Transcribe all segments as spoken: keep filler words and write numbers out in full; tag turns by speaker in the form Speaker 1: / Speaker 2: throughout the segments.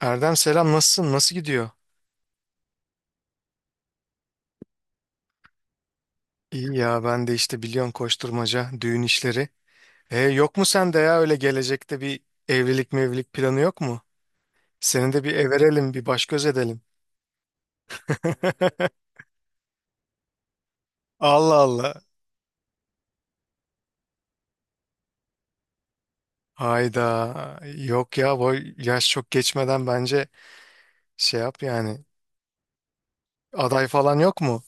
Speaker 1: Erdem selam, nasılsın? Nasıl gidiyor? İyi ya, ben de işte biliyorsun, koşturmaca, düğün işleri. E, yok mu sende ya öyle gelecekte bir evlilik mevlilik planı yok mu? Seni de bir everelim, bir baş göz edelim. Allah Allah. Hayda. Yok ya, bu yaş çok geçmeden bence şey yap yani. Aday falan yok mu?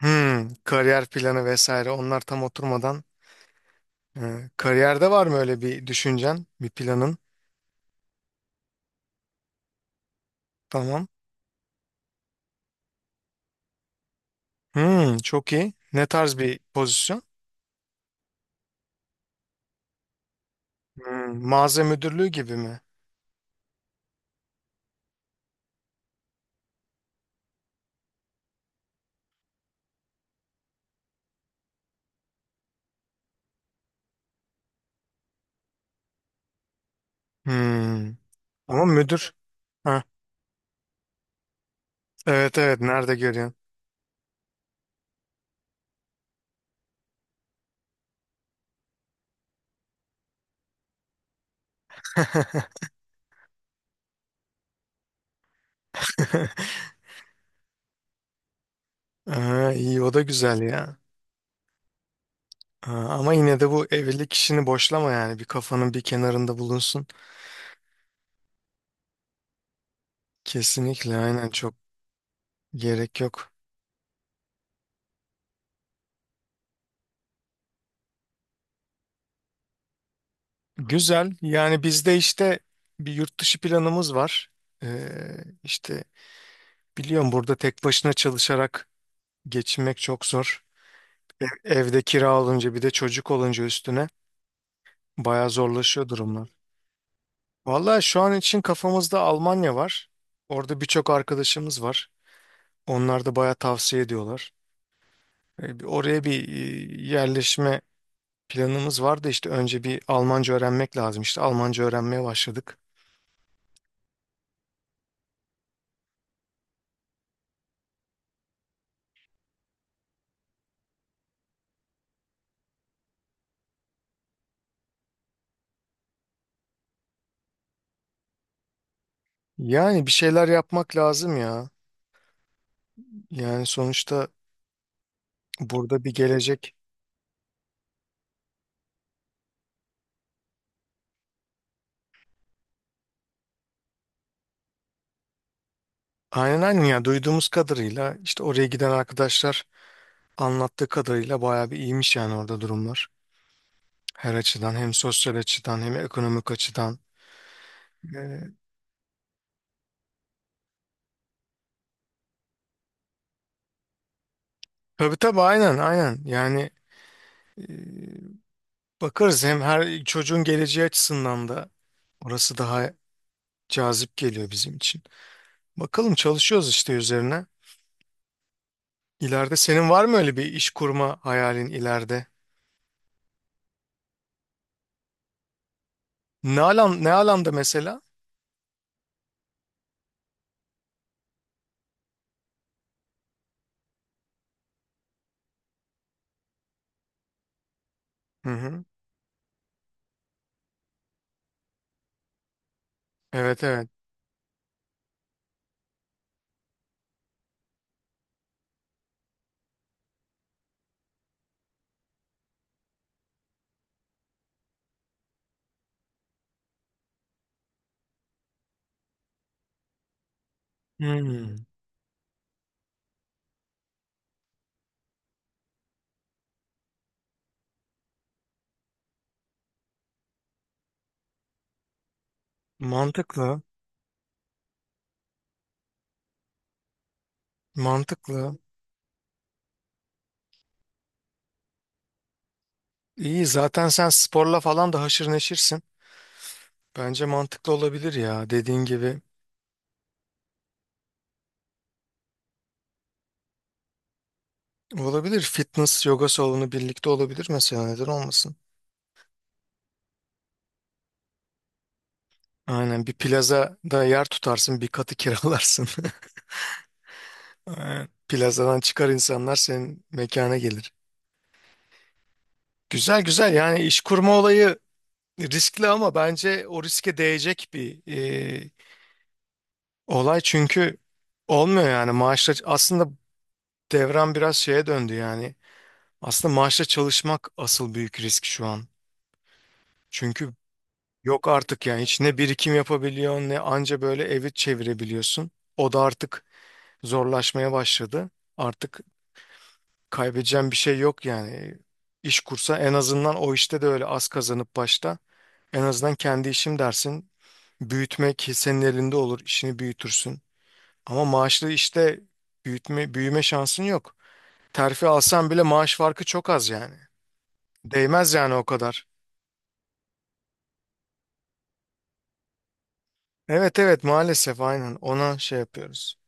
Speaker 1: Hmm, kariyer planı vesaire onlar tam oturmadan. E, kariyerde var mı öyle bir düşüncen, bir planın? Tamam. Hmm, çok iyi. Ne tarz bir pozisyon? Hmm, mağaza müdürlüğü gibi mi? Hmm. Ama müdür. Ha, evet evet, nerede görüyorsun? Aa, iyi, o da güzel ya. Aa, ama yine de bu evlilik işini boşlama yani, bir kafanın bir kenarında bulunsun. Kesinlikle, aynen, çok gerek yok. Güzel yani, bizde işte bir yurt dışı planımız var. Ee, işte biliyorum, burada tek başına çalışarak geçinmek çok zor. Ev- evde kira olunca, bir de çocuk olunca üstüne bayağı zorlaşıyor durumlar. Vallahi şu an için kafamızda Almanya var. Orada birçok arkadaşımız var. Onlar da bayağı tavsiye ediyorlar. E, bir- Oraya bir e, yerleşme planımız var da işte önce bir Almanca öğrenmek lazım. İşte Almanca öğrenmeye başladık. Yani bir şeyler yapmak lazım ya. Yani sonuçta burada bir gelecek. Aynen aynen ya, duyduğumuz kadarıyla işte oraya giden arkadaşlar anlattığı kadarıyla bayağı bir iyiymiş yani orada durumlar. Her açıdan, hem sosyal açıdan hem ekonomik açıdan. E, Tabii tabii, aynen aynen. Yani e, bakarız, hem her çocuğun geleceği açısından da orası daha cazip geliyor bizim için. Bakalım, çalışıyoruz işte üzerine. İleride senin var mı öyle bir iş kurma hayalin, ileride? Ne alan, ne alanda mesela? Hı hı. Evet evet. Hmm. Mantıklı. Mantıklı. İyi, zaten sen sporla falan da haşır neşirsin. Bence mantıklı olabilir ya, dediğin gibi. Olabilir, fitness yoga salonu birlikte olabilir mesela, neden olmasın. Aynen, bir plazada yer tutarsın, bir katı kiralarsın. Aynen. Plazadan çıkar insanlar, senin mekana gelir. Güzel güzel, yani iş kurma olayı riskli ama bence o riske değecek bir e, olay, çünkü olmuyor yani maaşla. Aslında devran biraz şeye döndü yani. Aslında maaşla çalışmak asıl büyük risk şu an. Çünkü yok artık yani, hiç ne birikim yapabiliyorsun, ne anca böyle evi çevirebiliyorsun. O da artık zorlaşmaya başladı. Artık kaybedeceğim bir şey yok yani. İş kursa en azından, o işte de öyle az kazanıp başta, en azından kendi işim dersin. Büyütmek senin elinde olur, işini büyütürsün. Ama maaşlı işte büyütme, büyüme şansın yok. Terfi alsan bile maaş farkı çok az yani. Değmez yani o kadar. Evet evet, maalesef aynen, ona şey yapıyoruz.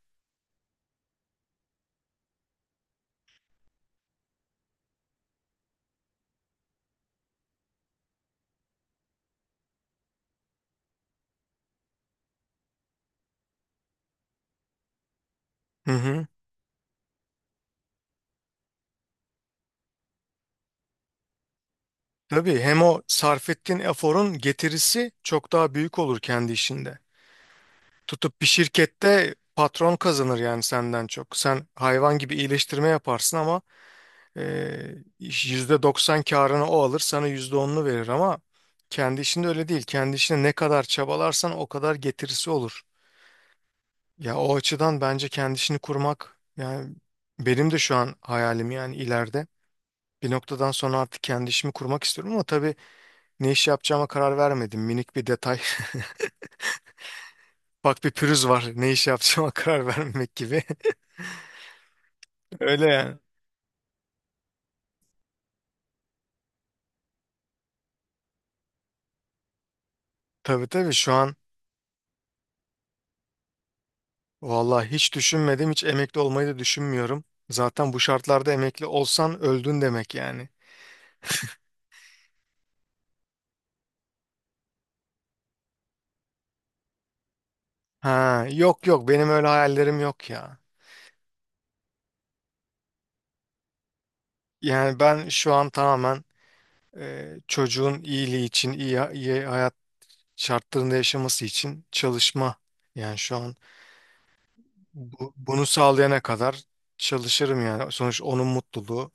Speaker 1: Hı hı. Tabii, hem o sarf ettiğin eforun getirisi çok daha büyük olur kendi işinde. Tutup bir şirkette patron kazanır yani senden çok. Sen hayvan gibi iyileştirme yaparsın ama e, iş- yüzde doksan karını o alır, sana yüzde onunu verir, ama kendi işinde öyle değil. Kendi işine ne kadar çabalarsan o kadar getirisi olur. Ya o açıdan bence kendi işini kurmak yani, benim de şu an hayalim yani ileride. Bir noktadan sonra artık kendi işimi kurmak istiyorum, ama tabii ne iş yapacağıma karar vermedim. Minik bir detay. Bak, bir pürüz var. Ne iş yapacağıma karar vermemek gibi. Öyle yani. Tabii tabii, şu an vallahi hiç düşünmedim. Hiç emekli olmayı da düşünmüyorum. Zaten bu şartlarda emekli olsan öldün demek yani. Ha, yok yok, benim öyle hayallerim yok ya. Yani ben şu an tamamen e, çocuğun iyiliği için, iyi, iyi hayat şartlarında yaşaması için çalışma. Yani şu an Bu, bunu sağlayana kadar çalışırım yani. Sonuç onun mutluluğu,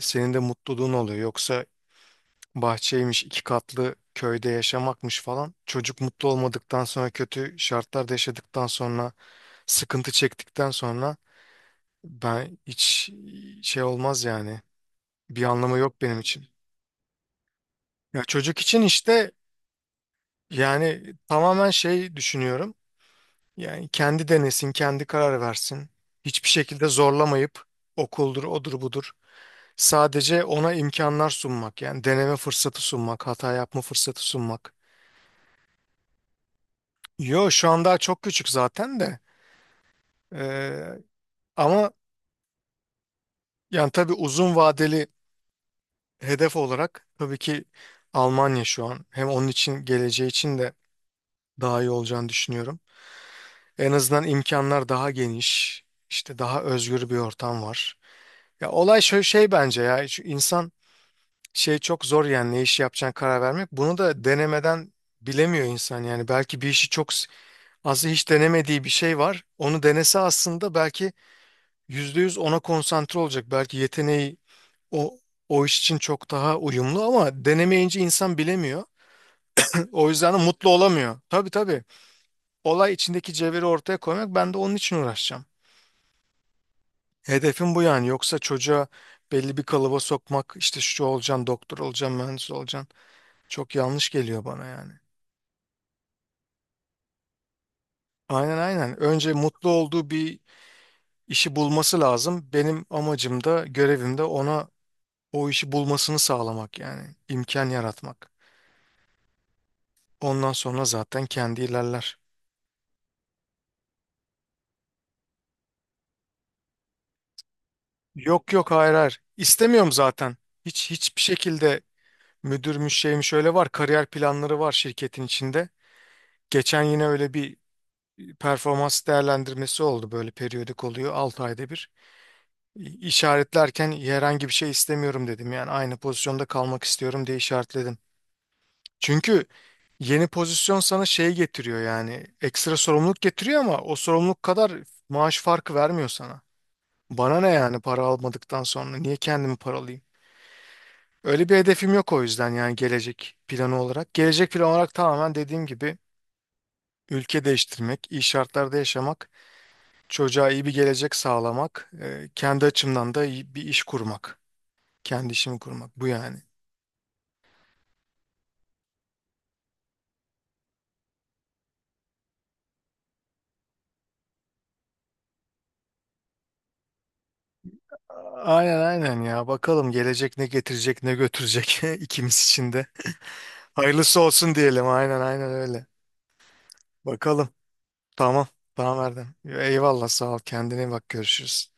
Speaker 1: senin de mutluluğun oluyor. Yoksa bahçeymiş, iki katlı köyde yaşamakmış falan. Çocuk mutlu olmadıktan sonra, kötü şartlarda yaşadıktan sonra, sıkıntı çektikten sonra, ben hiç şey olmaz yani. Bir anlamı yok benim için. Ya çocuk için işte, yani tamamen şey düşünüyorum. Yani kendi denesin, kendi karar versin. Hiçbir şekilde zorlamayıp okuldur, odur budur. Sadece ona imkanlar sunmak yani, deneme fırsatı sunmak, hata yapma fırsatı sunmak. Yo, şu an daha çok küçük zaten de. Ee, Ama yani tabii uzun vadeli hedef olarak tabii ki Almanya şu an, hem onun için, geleceği için de daha iyi olacağını düşünüyorum. En azından imkanlar daha geniş, işte daha özgür bir ortam var. Ya olay şöyle şey bence ya, şu insan şey çok zor yani ne iş yapacağına karar vermek. Bunu da denemeden bilemiyor insan yani, belki bir işi çok. Aslında hiç denemediği bir şey var. Onu denese aslında belki yüzde yüz ona konsantre olacak. Belki yeteneği o o iş için çok daha uyumlu ama denemeyince insan bilemiyor. O yüzden de mutlu olamıyor. Tabii tabii. Olay içindeki cevheri ortaya koymak, ben de onun için uğraşacağım. Hedefim bu yani. Yoksa çocuğa belli bir kalıba sokmak, işte şu olacaksın, doktor olacaksın, mühendis olacaksın, çok yanlış geliyor bana yani. Aynen aynen. Önce mutlu olduğu bir işi bulması lazım. Benim amacım da, görevim de ona o işi bulmasını sağlamak yani, imkan yaratmak. Ondan sonra zaten kendi ilerler. Yok yok, hayır hayır. İstemiyorum zaten. Hiç, hiçbir şekilde müdürmüş şeymiş öyle, var. Kariyer planları var şirketin içinde. Geçen yine öyle bir e, performans değerlendirmesi oldu. Böyle periyodik oluyor, altı ayda bir. İşaretlerken herhangi bir şey istemiyorum dedim. Yani aynı pozisyonda kalmak istiyorum diye işaretledim. Çünkü yeni pozisyon sana şey getiriyor yani, ekstra sorumluluk getiriyor ama o sorumluluk kadar maaş farkı vermiyor sana. Bana ne yani, para almadıktan sonra niye kendimi paralayayım? Öyle bir hedefim yok o yüzden yani, gelecek planı olarak. Gelecek planı olarak tamamen dediğim gibi, ülke değiştirmek, iyi şartlarda yaşamak, çocuğa iyi bir gelecek sağlamak, e, kendi açımdan da iyi bir iş kurmak, kendi işimi kurmak, bu yani. Aynen aynen ya, bakalım gelecek ne getirecek, ne götürecek ikimiz için de. Hayırlısı olsun diyelim. Aynen aynen, öyle. Bakalım. Tamam. Tamam Erdem. Eyvallah, sağ ol. Kendine iyi bak, görüşürüz.